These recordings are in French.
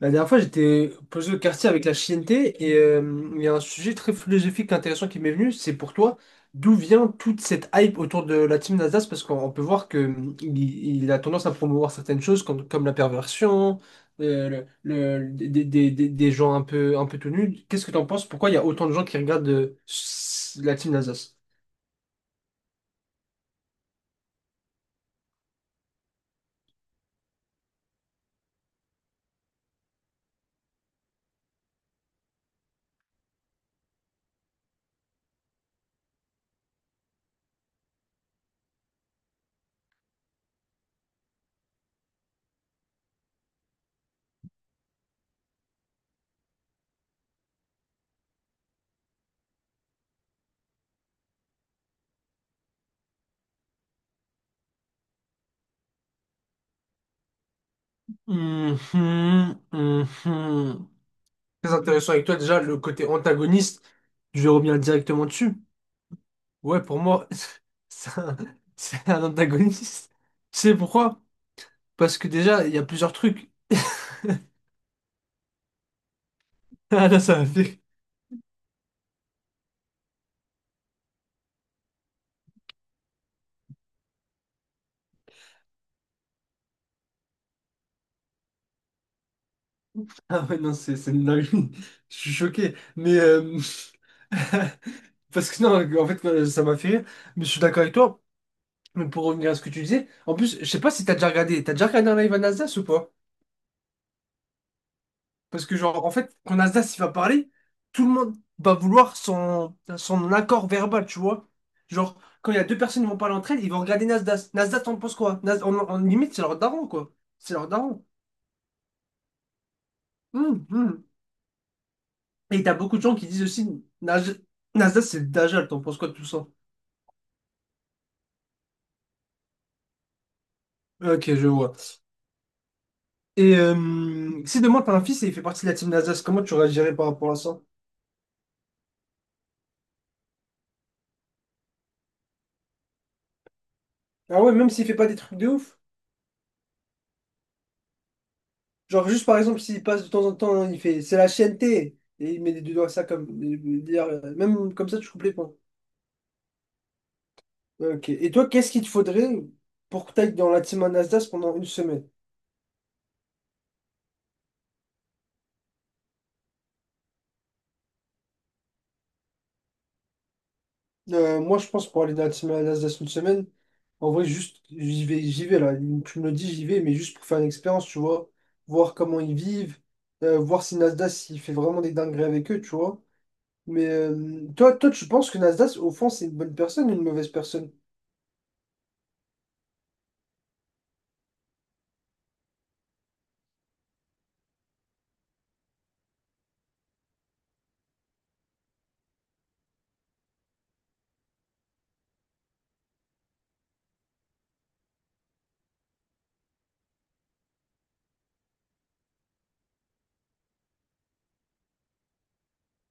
La dernière fois, j'étais posé au quartier avec la Chienté et il y a un sujet très philosophique intéressant qui m'est venu. C'est pour toi, d'où vient toute cette hype autour de la team Nasdaq? Parce qu'on on peut voir que il a tendance à promouvoir certaines choses comme la perversion, des gens un peu tout nus. Qu'est-ce que tu en penses? Pourquoi il y a autant de gens qui regardent la team Nasdaq? Mhm, mhm. Très intéressant avec toi déjà, le côté antagoniste, je vais revenir directement dessus. Ouais, pour moi, c'est un, c'est un antagoniste. Tu sais pourquoi? Parce que déjà, il y a plusieurs trucs. Ah là, ça m'a fait. Ah ouais, non, c'est une dinguerie. Je suis choqué. Parce que non, en fait, ça m'a fait rire. Mais je suis d'accord avec toi. Mais pour revenir à ce que tu disais, en plus, je sais pas si t'as déjà regardé. T'as déjà regardé un live à Nasdaq ou pas? Parce que, genre, en fait, quand Nasdaq il va parler, tout le monde va vouloir son accord verbal, tu vois. Genre, quand il y a deux personnes qui vont parler entre elles, ils vont regarder Nasdaq. Nasdaq, t'en penses quoi? En limite, c'est leur daron, quoi. C'est leur daron. Hum, hum. Et t'as beaucoup de gens qui disent aussi, Nasdaq, c'est le Dajjal, t'en penses quoi de tout ça? Ok, je vois. Et si demain t'as un fils et il fait partie de la team Nasdaq, comment tu réagirais par rapport à ça? Ah ouais, même s'il fait pas des trucs de ouf. Genre, juste par exemple, s'il passe de temps en temps, il fait c'est la chaîne t Et il met les deux doigts ça comme. Dire, même comme ça, tu coupes les points. Ok. Et toi, qu'est-ce qu'il te faudrait pour que tu ailles dans la team Anasdas pendant une semaine? Moi, je pense pour aller dans la team Anasdas une semaine, en vrai, juste, j'y vais là. Tu me le dis, j'y vais, mais juste pour faire une expérience, tu vois. Voir comment ils vivent, voir si Nasdaq, il fait vraiment des dingueries avec eux, tu vois. Mais toi, tu penses que Nasdaq, au fond, c'est une bonne personne ou une mauvaise personne?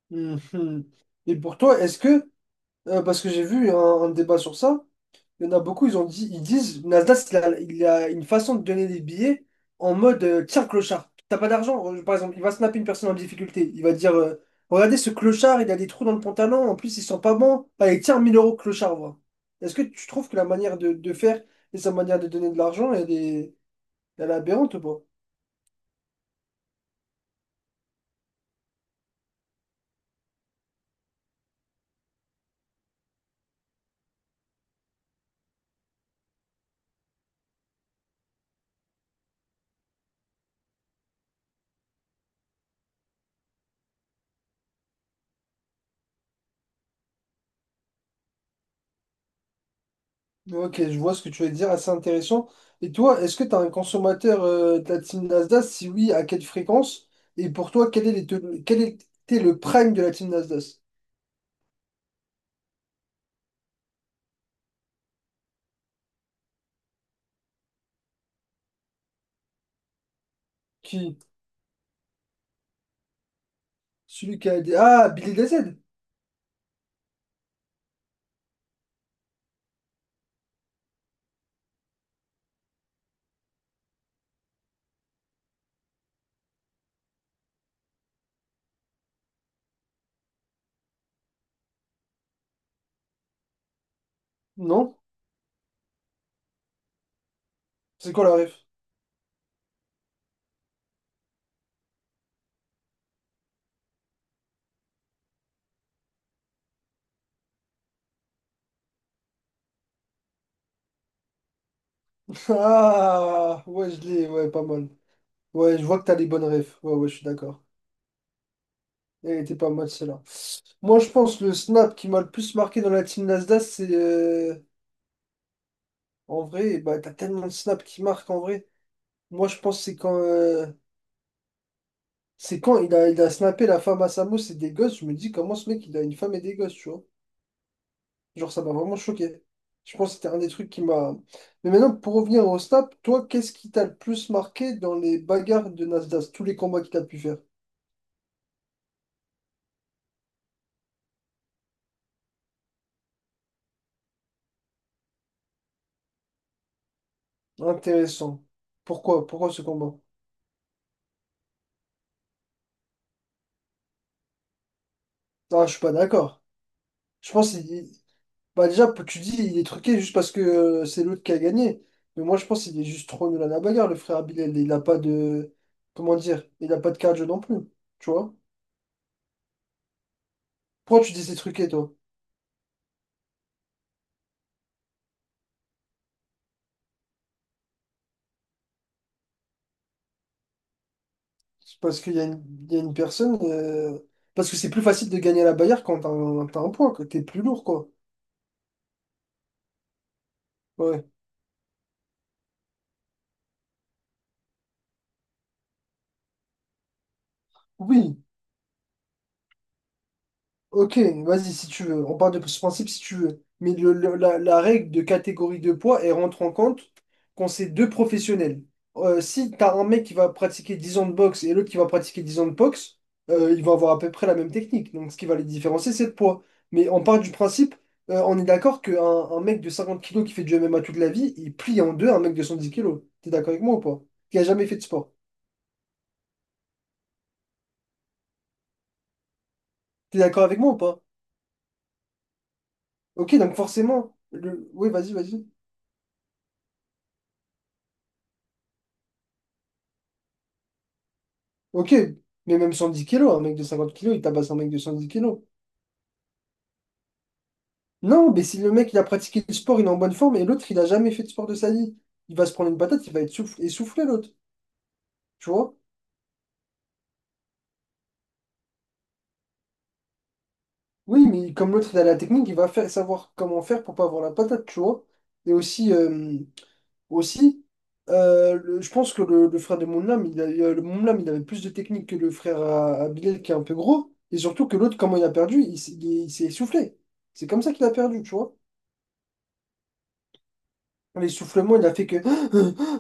Mhm. Et pour toi, est-ce que, parce que j'ai vu un débat sur ça, il y en a beaucoup, ils ont dit, ils disent, Nasdaq, il a une façon de donner des billets en mode, tiens, clochard, t'as pas d'argent, par exemple, il va snapper une personne en difficulté, il va dire, regardez ce clochard, il a des trous dans le pantalon, en plus il sent pas bon, allez, tiens, 1 000 euros clochard, voilà. Est-ce que tu trouves que la manière de faire et sa manière de donner de l'argent, elle est aberrante ou pas? Ok, je vois ce que tu veux dire, assez intéressant. Et toi, est-ce que tu as un consommateur de la team Nasdaq? Si oui, à quelle fréquence? Et pour toi, quel est les te- quel était le prime de la team Nasdaq? Qui? Celui qui a dit... Ah, Billy DZ? Non? C'est quoi la ref? Ah, ouais, je l'ai, ouais, pas mal. Ouais, je vois que t'as les bonnes refs. Ouais, ouais, je suis d'accord. Elle était pas mal, celle-là. Moi, je pense le snap qui m'a le plus marqué dans la team Nasdaq, en vrai, bah, t'as tellement de snaps qui marquent, en vrai. Moi, je pense que c'est quand il a snappé la femme à sa mousse et des gosses, je me dis comment ce mec il a une femme et des gosses, tu vois. Genre ça m'a vraiment choqué. Je pense que c'était un des trucs qui m'a. Mais maintenant, pour revenir au snap, toi, qu'est-ce qui t'a le plus marqué dans les bagarres de Nasdaq, tous les combats qu'il a pu faire? Intéressant. Pourquoi? Pourquoi ce combat? Ah, je suis pas d'accord. Je pense qu'il... il- Bah déjà, tu dis il est truqué juste parce que c'est l'autre qui a gagné. Mais moi je pense qu'il est juste trop nul à la bagarre, le frère Abilel. Il a pas de. Comment dire? Il a pas de cardio non plus. Tu vois? Pourquoi tu dis ces trucs et toi? C'est parce qu'il y a une personne. Parce que c'est plus facile de gagner à la Bayard quand t'as un point, que t'es plus lourd, quoi. Ouais. Oui, ok, vas-y, si tu veux. On part de ce principe si tu veux. Mais la règle de catégorie de poids, elle rentre en compte quand c'est deux professionnels. Si tu as un mec qui va pratiquer 10 ans de boxe et l'autre qui va pratiquer 10 ans de boxe, ils vont avoir à peu près la même technique. Donc, ce qui va les différencier, c'est le poids. Mais on part du principe, on est d'accord qu'un un mec de 50 kilos qui fait du MMA toute la vie, il plie en deux un mec de 110 kilos. T'es d'accord avec moi ou pas? Qui a jamais fait de sport. T'es d'accord avec moi ou pas? Ok, donc forcément, oui, vas-y, vas-y. Ok, mais même 110 kilos, un mec de 50 kilos, il tabasse un mec de 110 kilos. Non, mais si le mec, il a pratiqué le sport, il est en bonne forme, et l'autre, il a jamais fait de sport de sa vie, il va se prendre une patate, il va être essoufflé, l'autre, tu vois? Oui, mais comme l'autre, il a la technique, il va faire, savoir comment faire pour pas avoir la patate, tu vois? Et aussi, je pense que le frère de Moonlam, le Moonlam, il avait plus de technique que le frère à Bilal, qui est un peu gros, et surtout que l'autre, comment il a perdu, il s'est essoufflé. C'est comme ça qu'il a perdu, tu vois? L'essoufflement, il a fait que.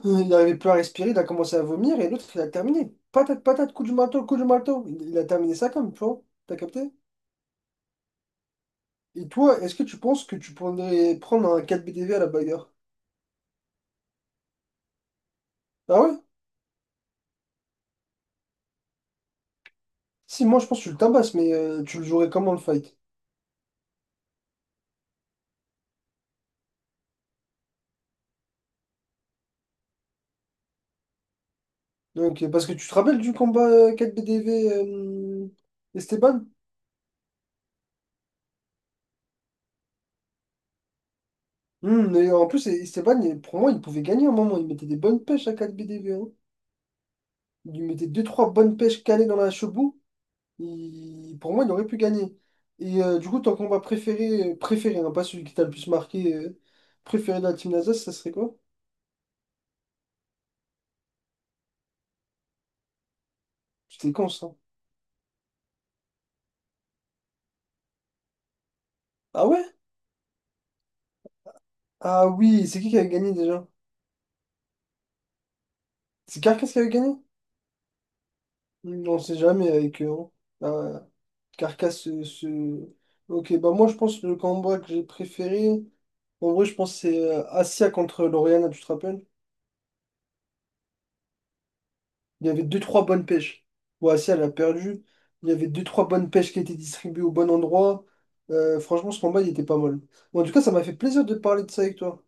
Il n'arrivait plus à respirer, il a commencé à vomir et l'autre, il a terminé. Patate, patate, coup du marteau, coup du marteau. Il a terminé ça comme, tu vois. T'as capté? Et toi, est-ce que tu penses que tu pourrais prendre un 4BDV à la bagarre? Ah ouais? Si, moi, je pense que tu le tabasses, mais tu le jouerais comment le fight? Donc, parce que tu te rappelles du combat 4BDV Esteban? Et en plus, Esteban, pour moi, il pouvait gagner à un moment. Il mettait des bonnes pêches à 4BDV, hein. Il lui mettait deux trois bonnes pêches calées dans la chebou. Pour moi, il aurait pu gagner. Et du coup, ton combat préféré, préféré, hein, pas celui qui t'a le plus marqué, préféré de la team Nasdaq, ça serait quoi? C'était con, ça. Ah ouais? Ah oui, c'est qui avait gagné déjà? C'est Carcass qui avait gagné? On sait jamais avec eux, hein. Ah, Carcass, euh, se- Ok, bah moi, je pense que le combat que j'ai préféré, en vrai, je pense que c'est Asia contre Lauriana, tu te rappelles? Il y avait deux, trois bonnes pêches. Boassia, elle a perdu. Il y avait deux, trois bonnes pêches qui étaient distribuées au bon endroit. Franchement, ce combat, il était pas mal. Bon, en tout cas, ça m'a fait plaisir de parler de ça avec toi.